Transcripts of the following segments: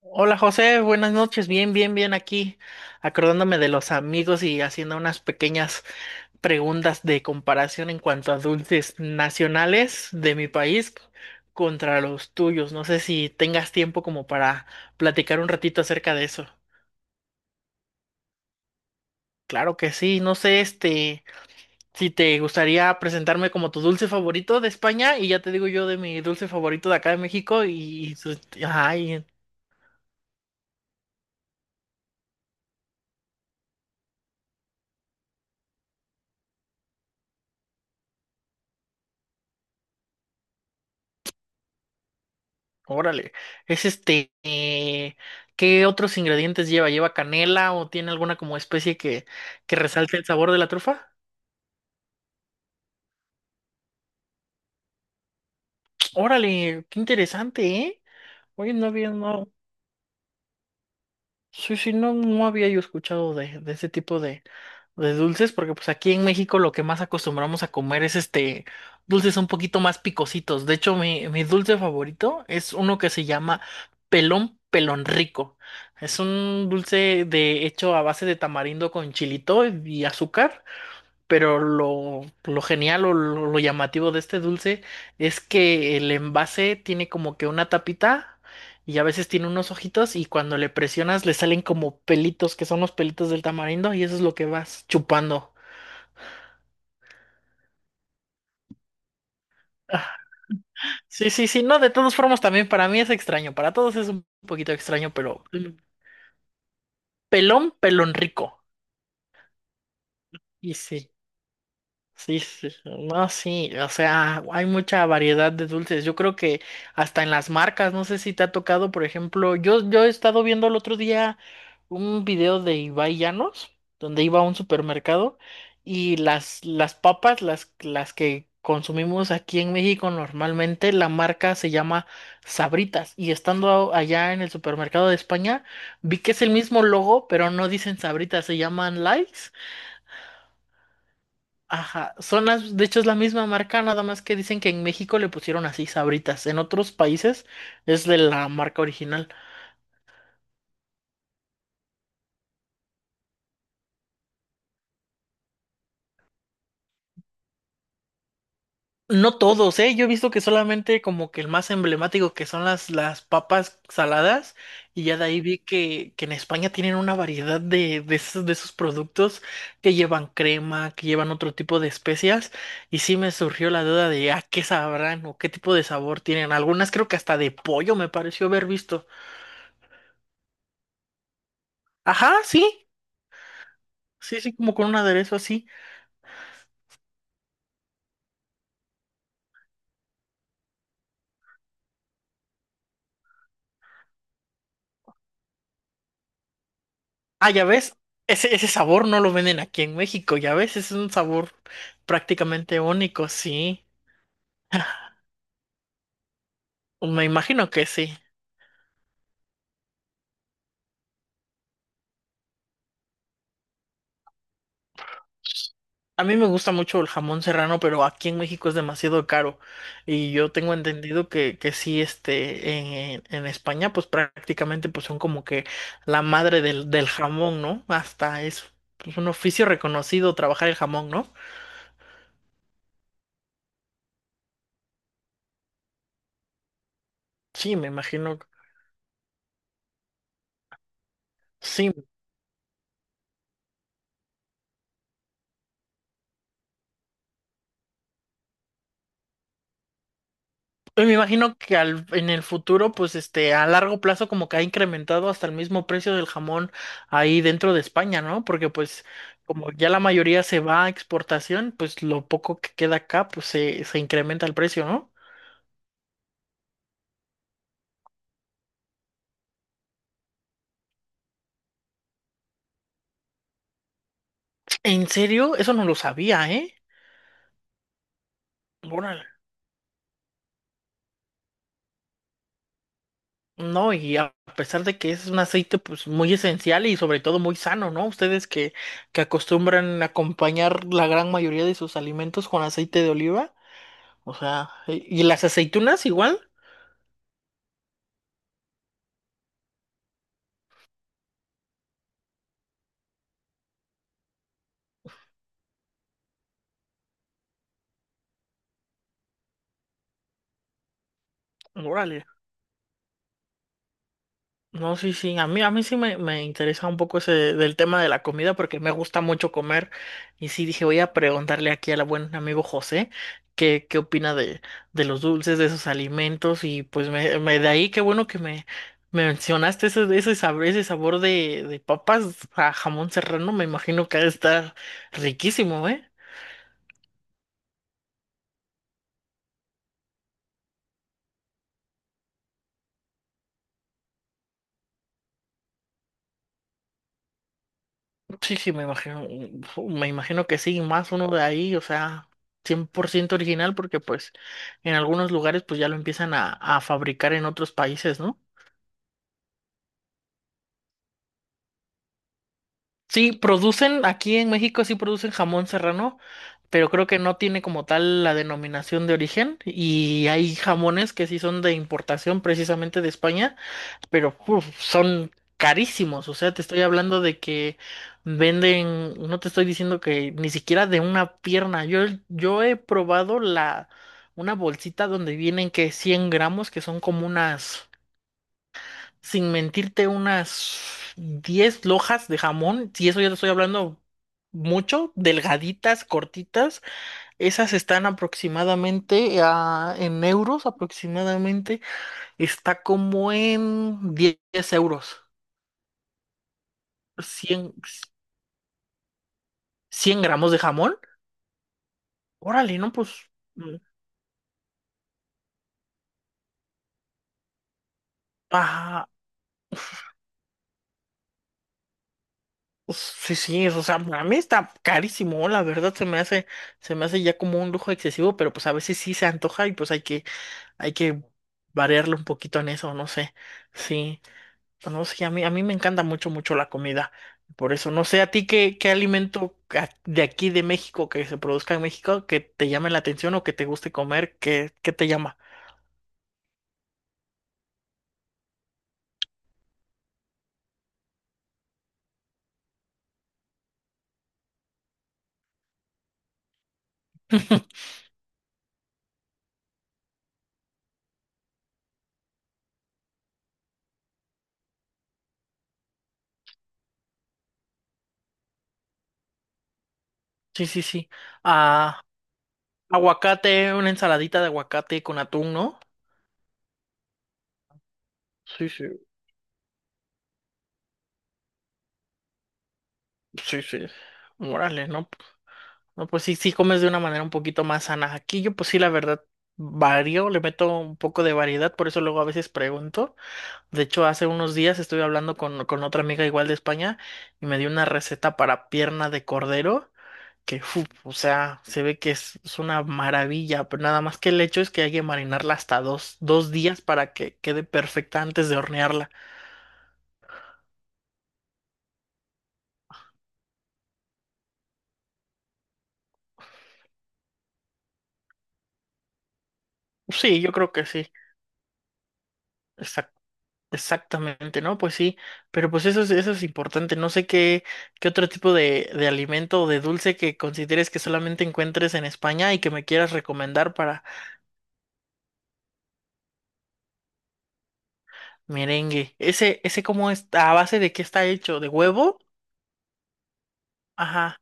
Hola José, buenas noches, bien, bien, bien aquí, acordándome de los amigos y haciendo unas pequeñas preguntas de comparación en cuanto a dulces nacionales de mi país contra los tuyos. No sé si tengas tiempo como para platicar un ratito acerca de eso. Claro que sí, no sé, si te gustaría presentarme como tu dulce favorito de España y ya te digo yo de mi dulce favorito de acá de México y, y, su- ajá, y. Órale. Es ¿qué otros ingredientes lleva? ¿Lleva canela o tiene alguna como especie que resalte el sabor de la trufa? Órale, qué interesante, ¿eh? Oye, no había, no, sí, sí, no, no había yo escuchado de ese tipo de dulces, porque pues aquí en México lo que más acostumbramos a comer es dulces un poquito más picositos. De hecho, mi dulce favorito es uno que se llama pelón pelón rico. Es un dulce de hecho a base de tamarindo con chilito y azúcar. Pero lo genial o lo llamativo de este dulce es que el envase tiene como que una tapita y a veces tiene unos ojitos y cuando le presionas le salen como pelitos, que son los pelitos del tamarindo y eso es lo que vas chupando. Ah, sí, sí, sí, no, de todas formas también para mí es extraño, para todos es un poquito extraño, pero pelón, pelón rico. Y sí. Sí, sí, sí, no, sí, o sea, hay mucha variedad de dulces. Yo creo que hasta en las marcas, no sé si te ha tocado, por ejemplo, yo he estado viendo el otro día un video de Ibai Llanos, donde iba a un supermercado y las papas, las que consumimos aquí en México normalmente, la marca se llama Sabritas. Y estando allá en el supermercado de España, vi que es el mismo logo, pero no dicen Sabritas, se llaman Lays. Ajá, son las, de hecho es la misma marca, nada más que dicen que en México le pusieron así Sabritas, en otros países es de la marca original. No todos, ¿eh? Yo he visto que solamente como que el más emblemático que son las papas saladas y ya de ahí vi que en España tienen una variedad de esos, de esos productos que llevan crema, que llevan otro tipo de especias y sí me surgió la duda de, ah, ¿qué sabrán o qué tipo de sabor tienen? Algunas creo que hasta de pollo me pareció haber visto. Ajá, sí. Sí, sí, como con un aderezo así. Ah, ya ves, ese sabor no lo venden aquí en México, ya ves, es un sabor prácticamente único, sí. Pues, me imagino que sí. A mí me gusta mucho el jamón serrano, pero aquí en México es demasiado caro. Y yo tengo entendido que sí, en España, pues prácticamente pues son como que la madre del jamón, ¿no? Hasta es pues, un oficio reconocido trabajar el jamón, ¿no? Sí, me imagino. Sí, yo me imagino que en el futuro, pues a largo plazo como que ha incrementado hasta el mismo precio del jamón ahí dentro de España, ¿no? Porque pues como ya la mayoría se va a exportación, pues lo poco que queda acá, pues se incrementa el precio, ¿no? En serio, eso no lo sabía, ¿eh? Órale. No, y a pesar de que es un aceite pues muy esencial y sobre todo muy sano, ¿no? Ustedes que, acostumbran a acompañar la gran mayoría de sus alimentos con aceite de oliva, o sea, y las aceitunas igual? Órale. No, sí, sí. A mí sí me interesa un poco ese del tema de la comida porque me gusta mucho comer. Y sí dije, voy a preguntarle aquí al buen amigo José qué, qué opina de los dulces, de esos alimentos. Y pues de ahí qué bueno que me mencionaste ese sabor, ese sabor de papas a jamón serrano. Me imagino que ha de estar riquísimo, ¿eh? Sí, sí, me imagino que sí, más uno de ahí, o sea, 100% original, porque pues en algunos lugares pues ya lo empiezan a fabricar en otros países, ¿no? Sí, producen, aquí en México sí producen jamón serrano, pero creo que no tiene como tal la denominación de origen y hay jamones que sí son de importación precisamente de España pero uf, son carísimos. O sea, te estoy hablando de que venden, no te estoy diciendo que ni siquiera de una pierna. Yo he probado una bolsita donde vienen que 100 gramos, que son como unas, sin mentirte, unas 10 lojas de jamón. Si eso ya te estoy hablando. Mucho, delgaditas, cortitas, esas están aproximadamente en euros, aproximadamente está como en 10 euros. 100 100 gramos de jamón. Órale, no, pues. mm, Ah, pues, sí, sí, o sea, a mí está carísimo, la verdad se me hace ya como un lujo excesivo, pero pues a veces sí se antoja y pues hay que variarle un poquito en eso, no sé. Sí, pues, no sé, a mí me encanta mucho, mucho la comida. Por eso, no sé, a ti qué, qué alimento de aquí de México que se produzca en México que te llame la atención o que te guste comer, qué te llama. Sí, sí, sí. Ah, aguacate, una ensaladita de aguacate con atún, ¿no? Sí, sí, sí, sí. Morales, ¿no? No, pues sí, sí comes de una manera un poquito más sana. Aquí yo, pues sí, la verdad, varío, le meto un poco de variedad, por eso luego a veces pregunto. De hecho, hace unos días estuve hablando con otra amiga igual de España y me dio una receta para pierna de cordero, que, fu, o sea, se ve que es una maravilla, pero nada más que el hecho es que hay que marinarla hasta dos días para que quede perfecta antes de hornearla. Sí, yo creo que sí. Exac- exactamente, ¿no? Pues sí, pero pues eso es importante. No sé qué, qué otro tipo de alimento o de dulce que consideres que solamente encuentres en España y que me quieras recomendar para merengue. Ese cómo está, a base de qué está hecho, de huevo, ajá,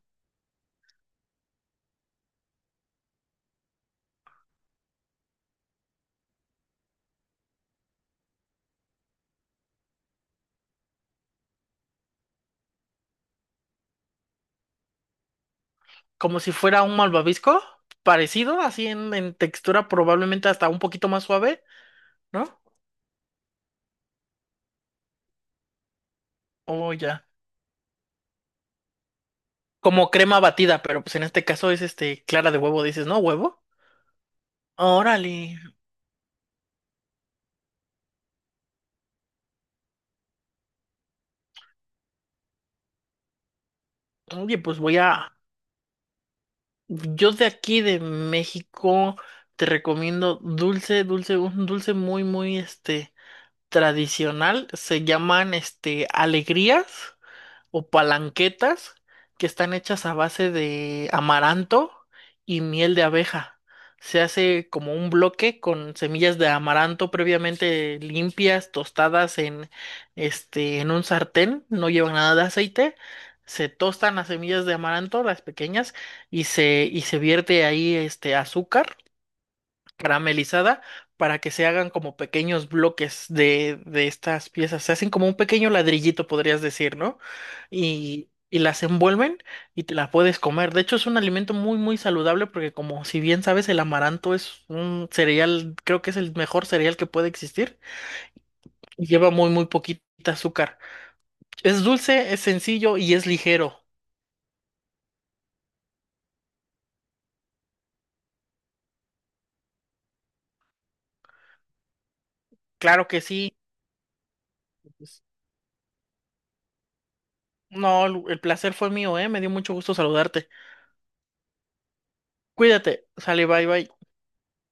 como si fuera un malvavisco, parecido, así en textura, probablemente hasta un poquito más suave, ¿no? O ya. Como crema batida, pero pues en este caso es clara de huevo, dices, ¿no? ¿Huevo? Órale. Oye, pues voy a. Yo de aquí de México te recomiendo dulce, dulce, un dulce muy, muy tradicional. Se llaman alegrías o palanquetas que están hechas a base de amaranto y miel de abeja. Se hace como un bloque con semillas de amaranto previamente limpias, tostadas en en un sartén, no llevan nada de aceite. Se tostan las semillas de amaranto, las pequeñas, y se vierte ahí azúcar caramelizada para que se hagan como pequeños bloques de estas piezas. Se hacen como un pequeño ladrillito, podrías decir, ¿no? Y las envuelven y te las puedes comer. De hecho, es un alimento muy, muy saludable porque como si bien sabes, el amaranto es un cereal, creo que es el mejor cereal que puede existir y lleva muy, muy poquita azúcar. Es dulce, es sencillo y es ligero. Claro que sí. Pues, no, el placer fue mío, ¿eh? Me dio mucho gusto saludarte. Cuídate. Sale, bye, bye.